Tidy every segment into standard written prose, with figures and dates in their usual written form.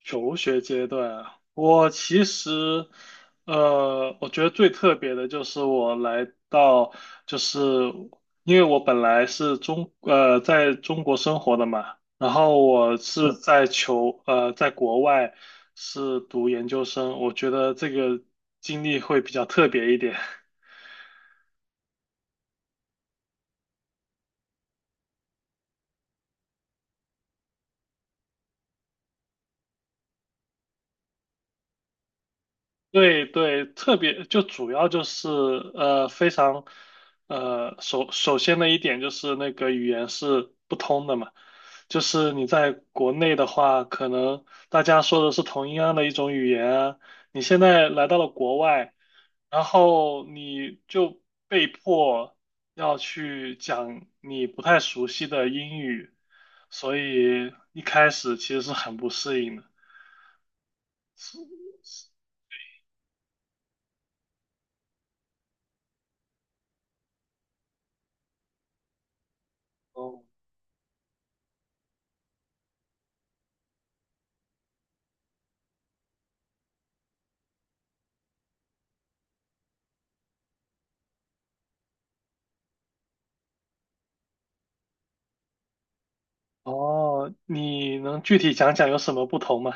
求学阶段啊，我其实，我觉得最特别的就是我来到，就是因为我本来是中，在中国生活的嘛，然后我是嗯在求，在国外是读研究生，我觉得这个经历会比较特别一点。对对，特别就主要就是非常首先的一点就是那个语言是不通的嘛，就是你在国内的话，可能大家说的是同一样的一种语言啊，你现在来到了国外，然后你就被迫要去讲你不太熟悉的英语，所以一开始其实是很不适应的。是是哦。哦，你能具体讲讲有什么不同吗？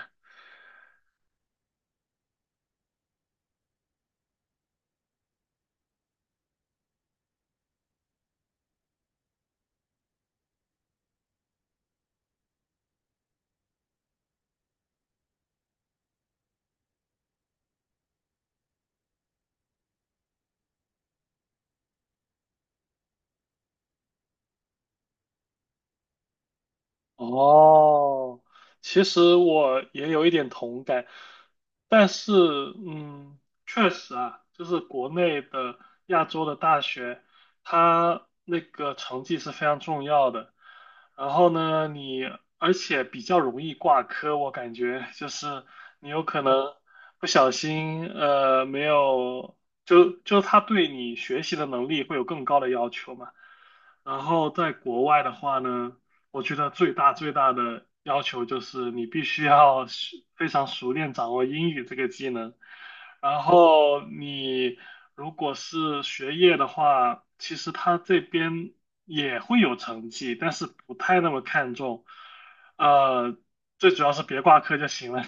哦，其实我也有一点同感，但是，嗯，确实啊，就是国内的亚洲的大学，它那个成绩是非常重要的。然后呢，你而且比较容易挂科，我感觉就是你有可能不小心，没有，就他对你学习的能力会有更高的要求嘛。然后在国外的话呢。我觉得最大最大的要求就是你必须要非常熟练掌握英语这个技能。然后你如果是学业的话，其实他这边也会有成绩，但是不太那么看重。呃，最主要是别挂科就行了。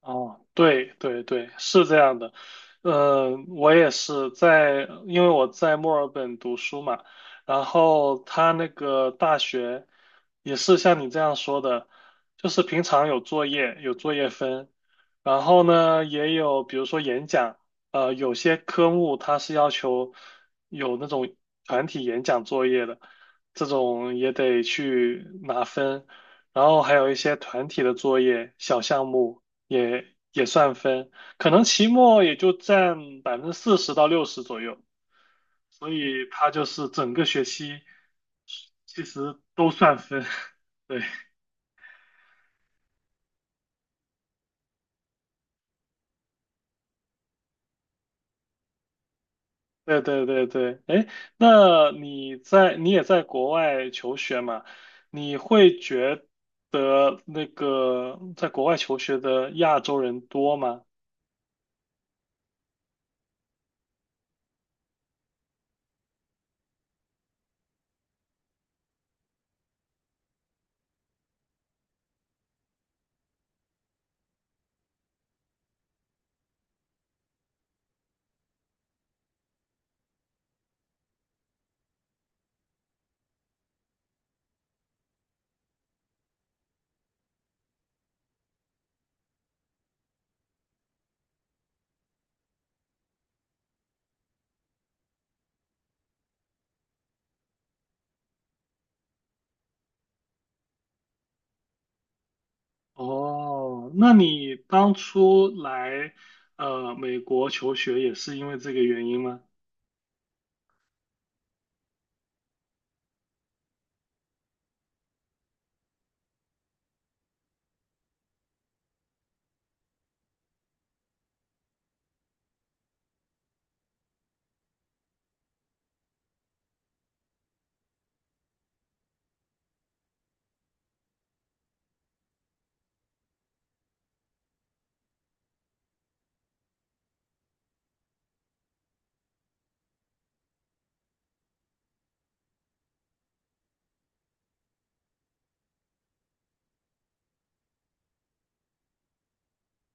哦，对对对，是这样的。呃，我也是在，因为我在墨尔本读书嘛，然后他那个大学也是像你这样说的，就是平常有作业，有作业分，然后呢也有比如说演讲，呃，有些科目它是要求有那种团体演讲作业的，这种也得去拿分。然后还有一些团体的作业、小项目，也也算分，可能期末也就占40%到60%左右，所以它就是整个学期其实都算分。对对对对对，哎，那你在你也在国外求学嘛？你会觉得那个在国外求学的亚洲人多吗？哦，那你当初来美国求学也是因为这个原因吗？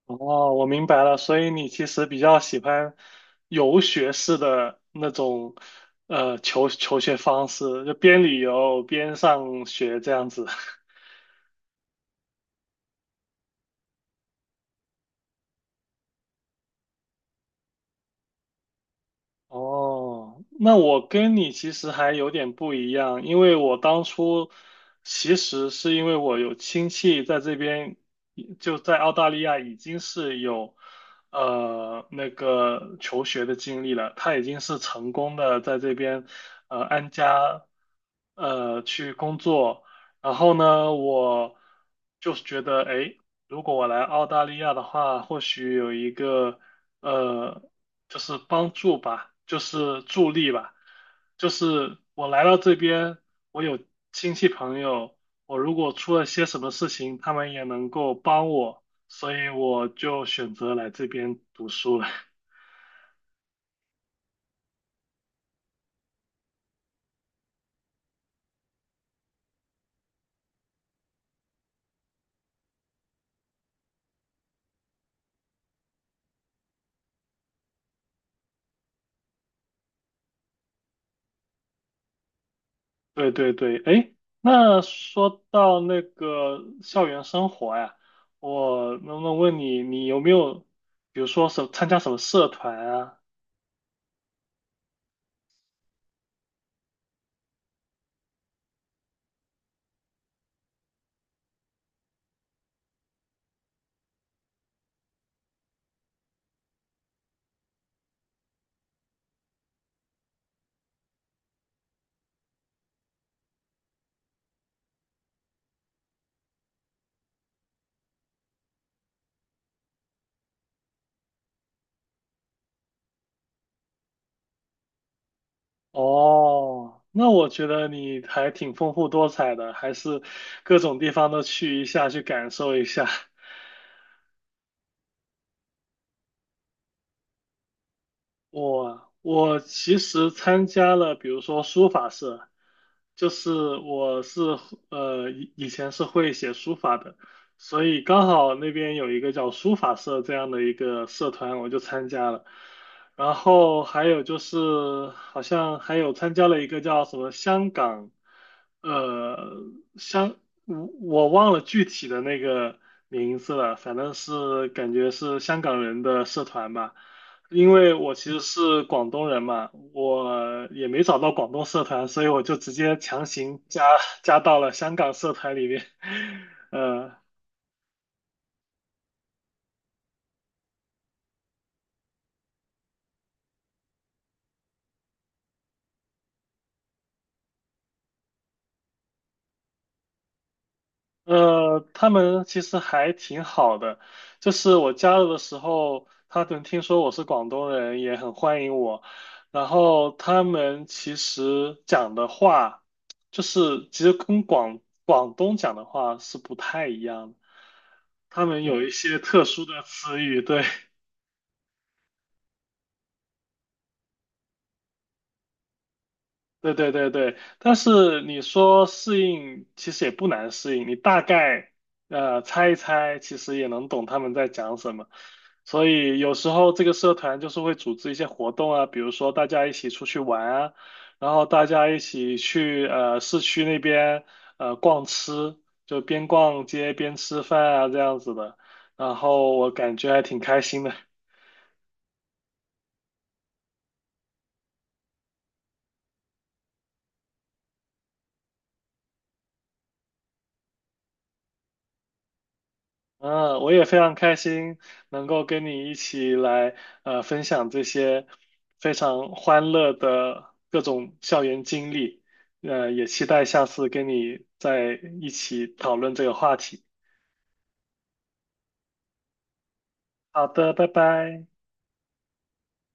哦，我明白了，所以你其实比较喜欢游学式的那种求学方式，就边旅游边上学这样子。哦，那我跟你其实还有点不一样，因为我当初其实是因为我有亲戚在这边，就在澳大利亚已经是有那个求学的经历了，他已经是成功的在这边安家去工作，然后呢，我就是觉得哎，如果我来澳大利亚的话，或许有一个。呃，就是帮助吧，就是助力吧，就是我来到这边，我有亲戚朋友，我如果出了些什么事情，他们也能够帮我，所以我就选择来这边读书了。对对对，哎，那说到那个校园生活呀，我能不能问你，你有没有，比如说什参加什么社团啊？哦，那我觉得你还挺丰富多彩的，还是各种地方都去一下，去感受一下。我我其实参加了，比如说书法社，就是我是以前是会写书法的，所以刚好那边有一个叫书法社这样的一个社团，我就参加了。然后还有就是好像还有参加了一个叫什么香港，呃香我我忘了具体的那个名字了，反正是感觉是香港人的社团吧。因为我其实是广东人嘛，我也没找到广东社团，所以我就直接强行加到了香港社团里面。呃呃，他们其实还挺好的，就是我加入的时候，他们听说我是广东人，也很欢迎我。然后他们其实讲的话，就是其实跟广东讲的话是不太一样的，他们有一些特殊的词语，对。对对对对，但是你说适应，其实也不难适应，你大概猜一猜，其实也能懂他们在讲什么。所以有时候这个社团就是会组织一些活动啊，比如说大家一起出去玩啊，然后大家一起去市区那边逛吃，就边逛街边吃饭啊这样子的。然后我感觉还挺开心的。嗯，我也非常开心能够跟你一起来分享这些非常欢乐的各种校园经历，呃，也期待下次跟你在一起讨论这个话题。好的，拜拜。